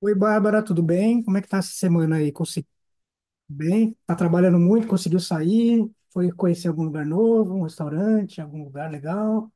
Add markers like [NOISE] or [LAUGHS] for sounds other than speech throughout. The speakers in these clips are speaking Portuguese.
Oi, Bárbara, tudo bem? Como é que tá essa semana aí? Conseguiu bem? Tá trabalhando muito? Conseguiu sair? Foi conhecer algum lugar novo, um restaurante, algum lugar legal?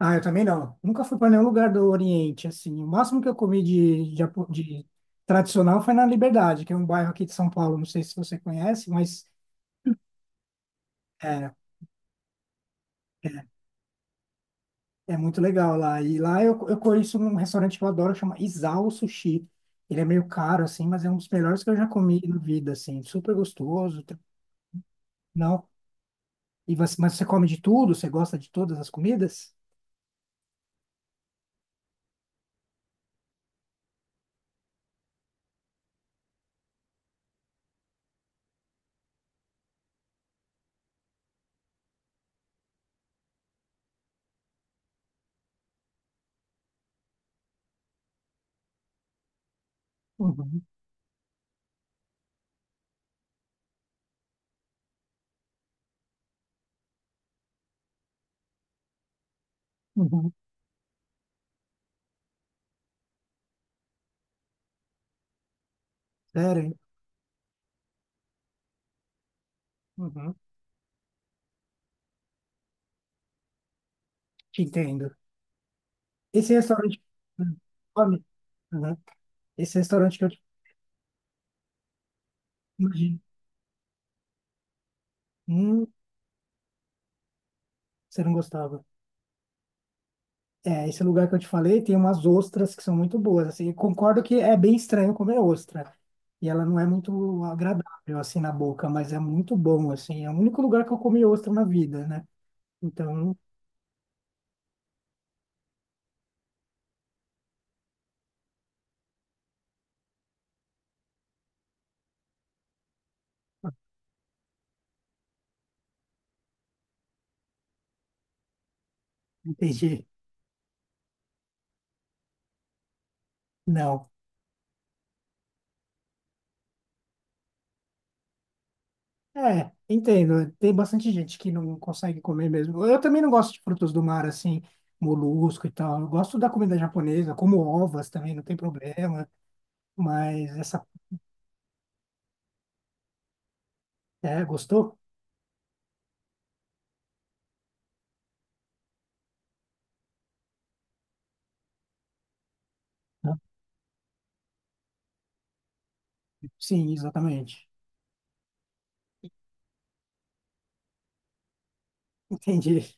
Ah, eu também não. Nunca fui para nenhum lugar do Oriente, assim. O máximo que eu comi de, de tradicional foi na Liberdade, que é um bairro aqui de São Paulo. Não sei se você conhece, mas é, é é muito legal lá. E lá eu conheço um restaurante que eu adoro, chama Isao Sushi. Ele é meio caro, assim, mas é um dos melhores que eu já comi na vida, assim. Super gostoso. Não. E você, mas você come de tudo? Você gosta de todas as comidas? Uhum, uhum. Sério, hein? Uhum. Te entendo. Esse restaurante. Hum. Come? Uhum. Esse restaurante que eu te imagino. Hum, você não gostava. É, esse lugar que eu te falei tem umas ostras que são muito boas. Assim, eu concordo que é bem estranho comer ostra. E ela não é muito agradável, assim, na boca, mas é muito bom, assim. É o único lugar que eu comi ostra na vida, né? Então, não entendi. Não. É, entendo. Tem bastante gente que não consegue comer mesmo. Eu também não gosto de frutos do mar, assim, molusco e tal. Eu gosto da comida japonesa, como ovas também, não tem problema. Mas essa. É, gostou? Né? Sim, exatamente. [LAUGHS] Entendi.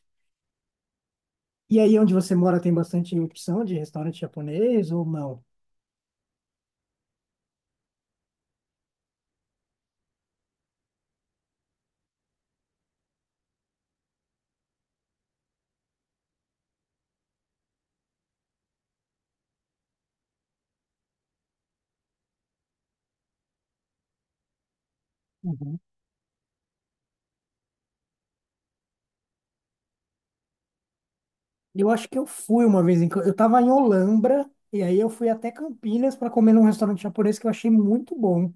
E aí, onde você mora, tem bastante opção de restaurante japonês ou não? Uhum. Eu acho que eu fui uma vez em. Cam- Eu tava em Olambra, e aí eu fui até Campinas para comer num restaurante japonês que eu achei muito bom.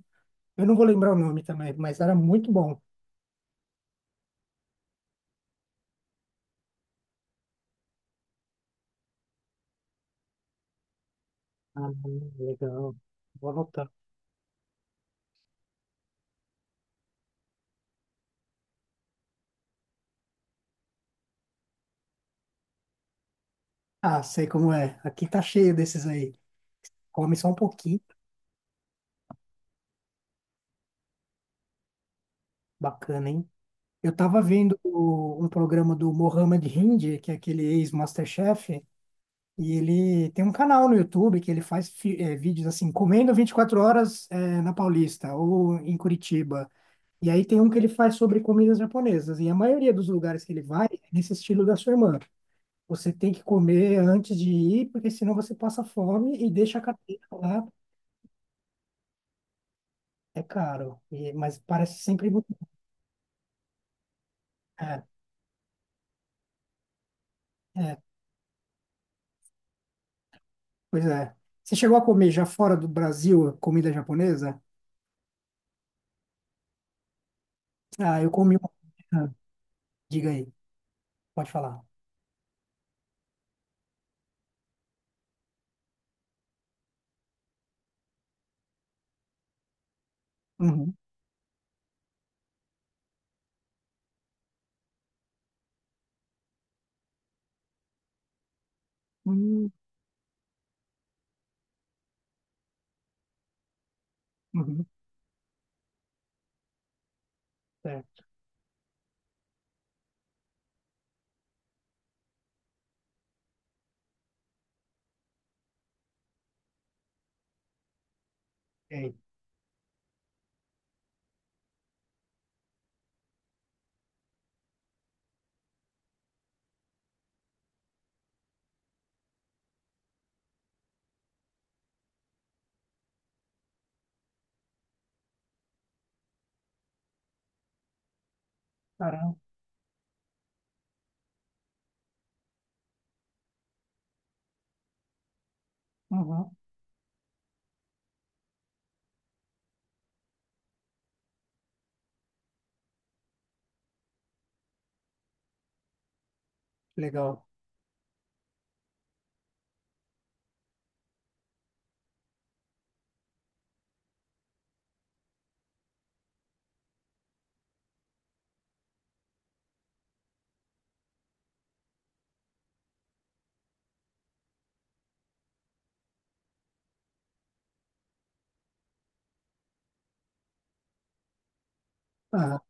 Eu não vou lembrar o nome também, mas era muito bom. Ah, legal. Vou anotar. Ah, sei como é. Aqui tá cheio desses aí. Come só um pouquinho. Bacana, hein? Eu tava vendo um programa do Mohamed Hindi, que é aquele ex-MasterChef, e ele tem um canal no YouTube que ele faz vídeos assim, comendo 24 horas na Paulista ou em Curitiba. E aí tem um que ele faz sobre comidas japonesas. E a maioria dos lugares que ele vai é nesse estilo da sua irmã. Você tem que comer antes de ir, porque senão você passa fome e deixa a cadeia lá. É caro, mas parece sempre muito. É, é, pois é. Você chegou a comer já fora do Brasil comida japonesa? Ah, eu comi uma. Ah, diga aí, pode falar. Uhum. Uhum. Uhum. Certo. E aí? Caramba. Uhum. Legal. Ah,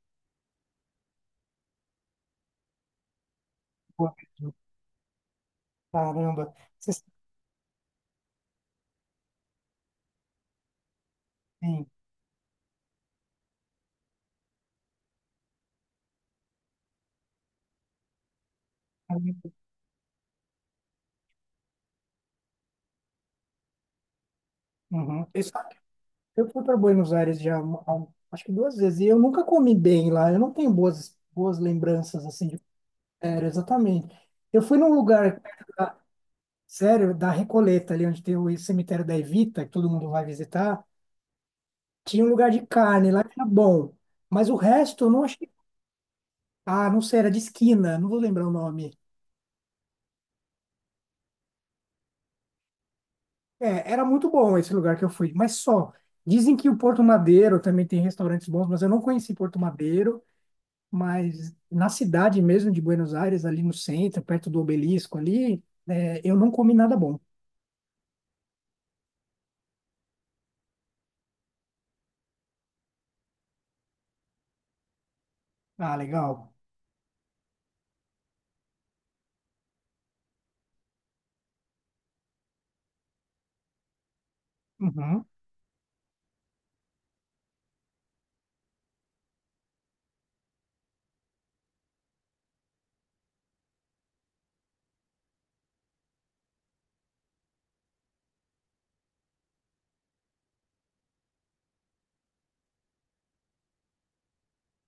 boa mesmo. Caramba. Você sabe, sim. Uhum. Eu fui para Buenos Aires já, acho que duas vezes, e eu nunca comi bem lá. Eu não tenho boas lembranças assim de férias, exatamente. Eu fui num lugar. Sério, da Recoleta, ali onde tem o cemitério da Evita, que todo mundo vai visitar, tinha um lugar de carne lá que era bom. Mas o resto eu não achei. Ah, não sei, era de esquina, não vou lembrar o nome. É, era muito bom esse lugar que eu fui, mas só. Dizem que o Porto Madeiro também tem restaurantes bons, mas eu não conheci Porto Madeiro. Mas na cidade mesmo de Buenos Aires, ali no centro, perto do Obelisco ali, é, eu não comi nada bom. Ah, legal. Uhum.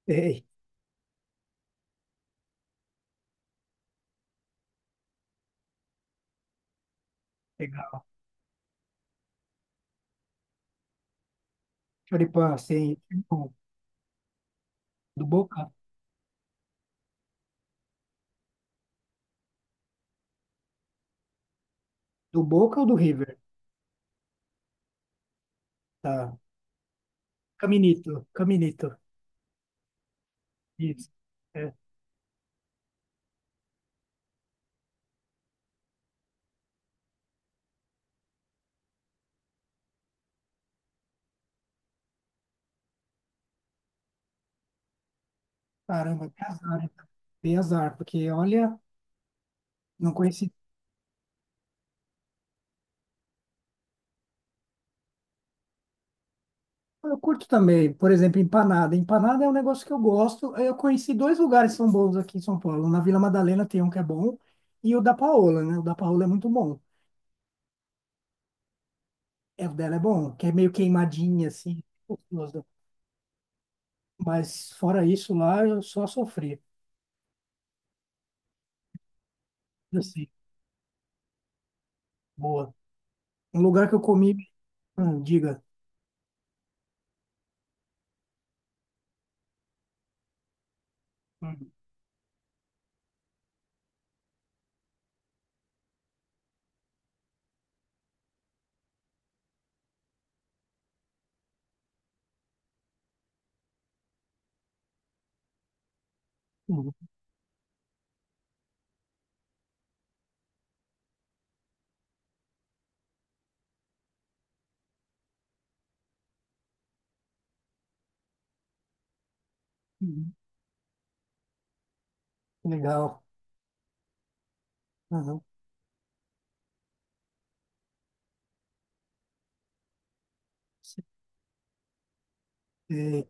Ei, legal. Choripã, sim. Bom. Do Boca? Do Boca ou do River? Tá. Caminito, Caminito. Isso. É. Caramba, que azar, hein? Dei azar, porque olha, não conheci. Eu curto também, por exemplo, empanada. Empanada é um negócio que eu gosto. Eu conheci dois lugares que são bons aqui em São Paulo. Na Vila Madalena tem um que é bom e o da Paola, né? O da Paola é muito bom. É, o dela é bom, que é meio queimadinha, assim, gostoso. Mas fora isso, lá eu só sofri. Assim, boa. Um lugar que eu comi, diga. Hum, hum, hum, legal. Aham. E,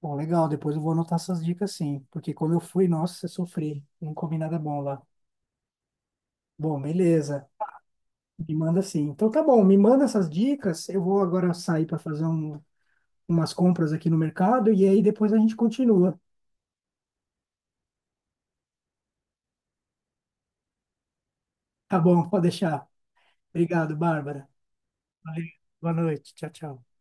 bom, legal, depois eu vou anotar essas dicas sim, porque como eu fui, nossa, eu sofri, não comi nada bom lá. Bom, beleza, me manda sim. Então tá bom, me manda essas dicas, eu vou agora sair para fazer umas compras aqui no mercado e aí depois a gente continua. Tá bom, pode deixar. Obrigado, Bárbara. Valeu, boa noite, tchau, tchau.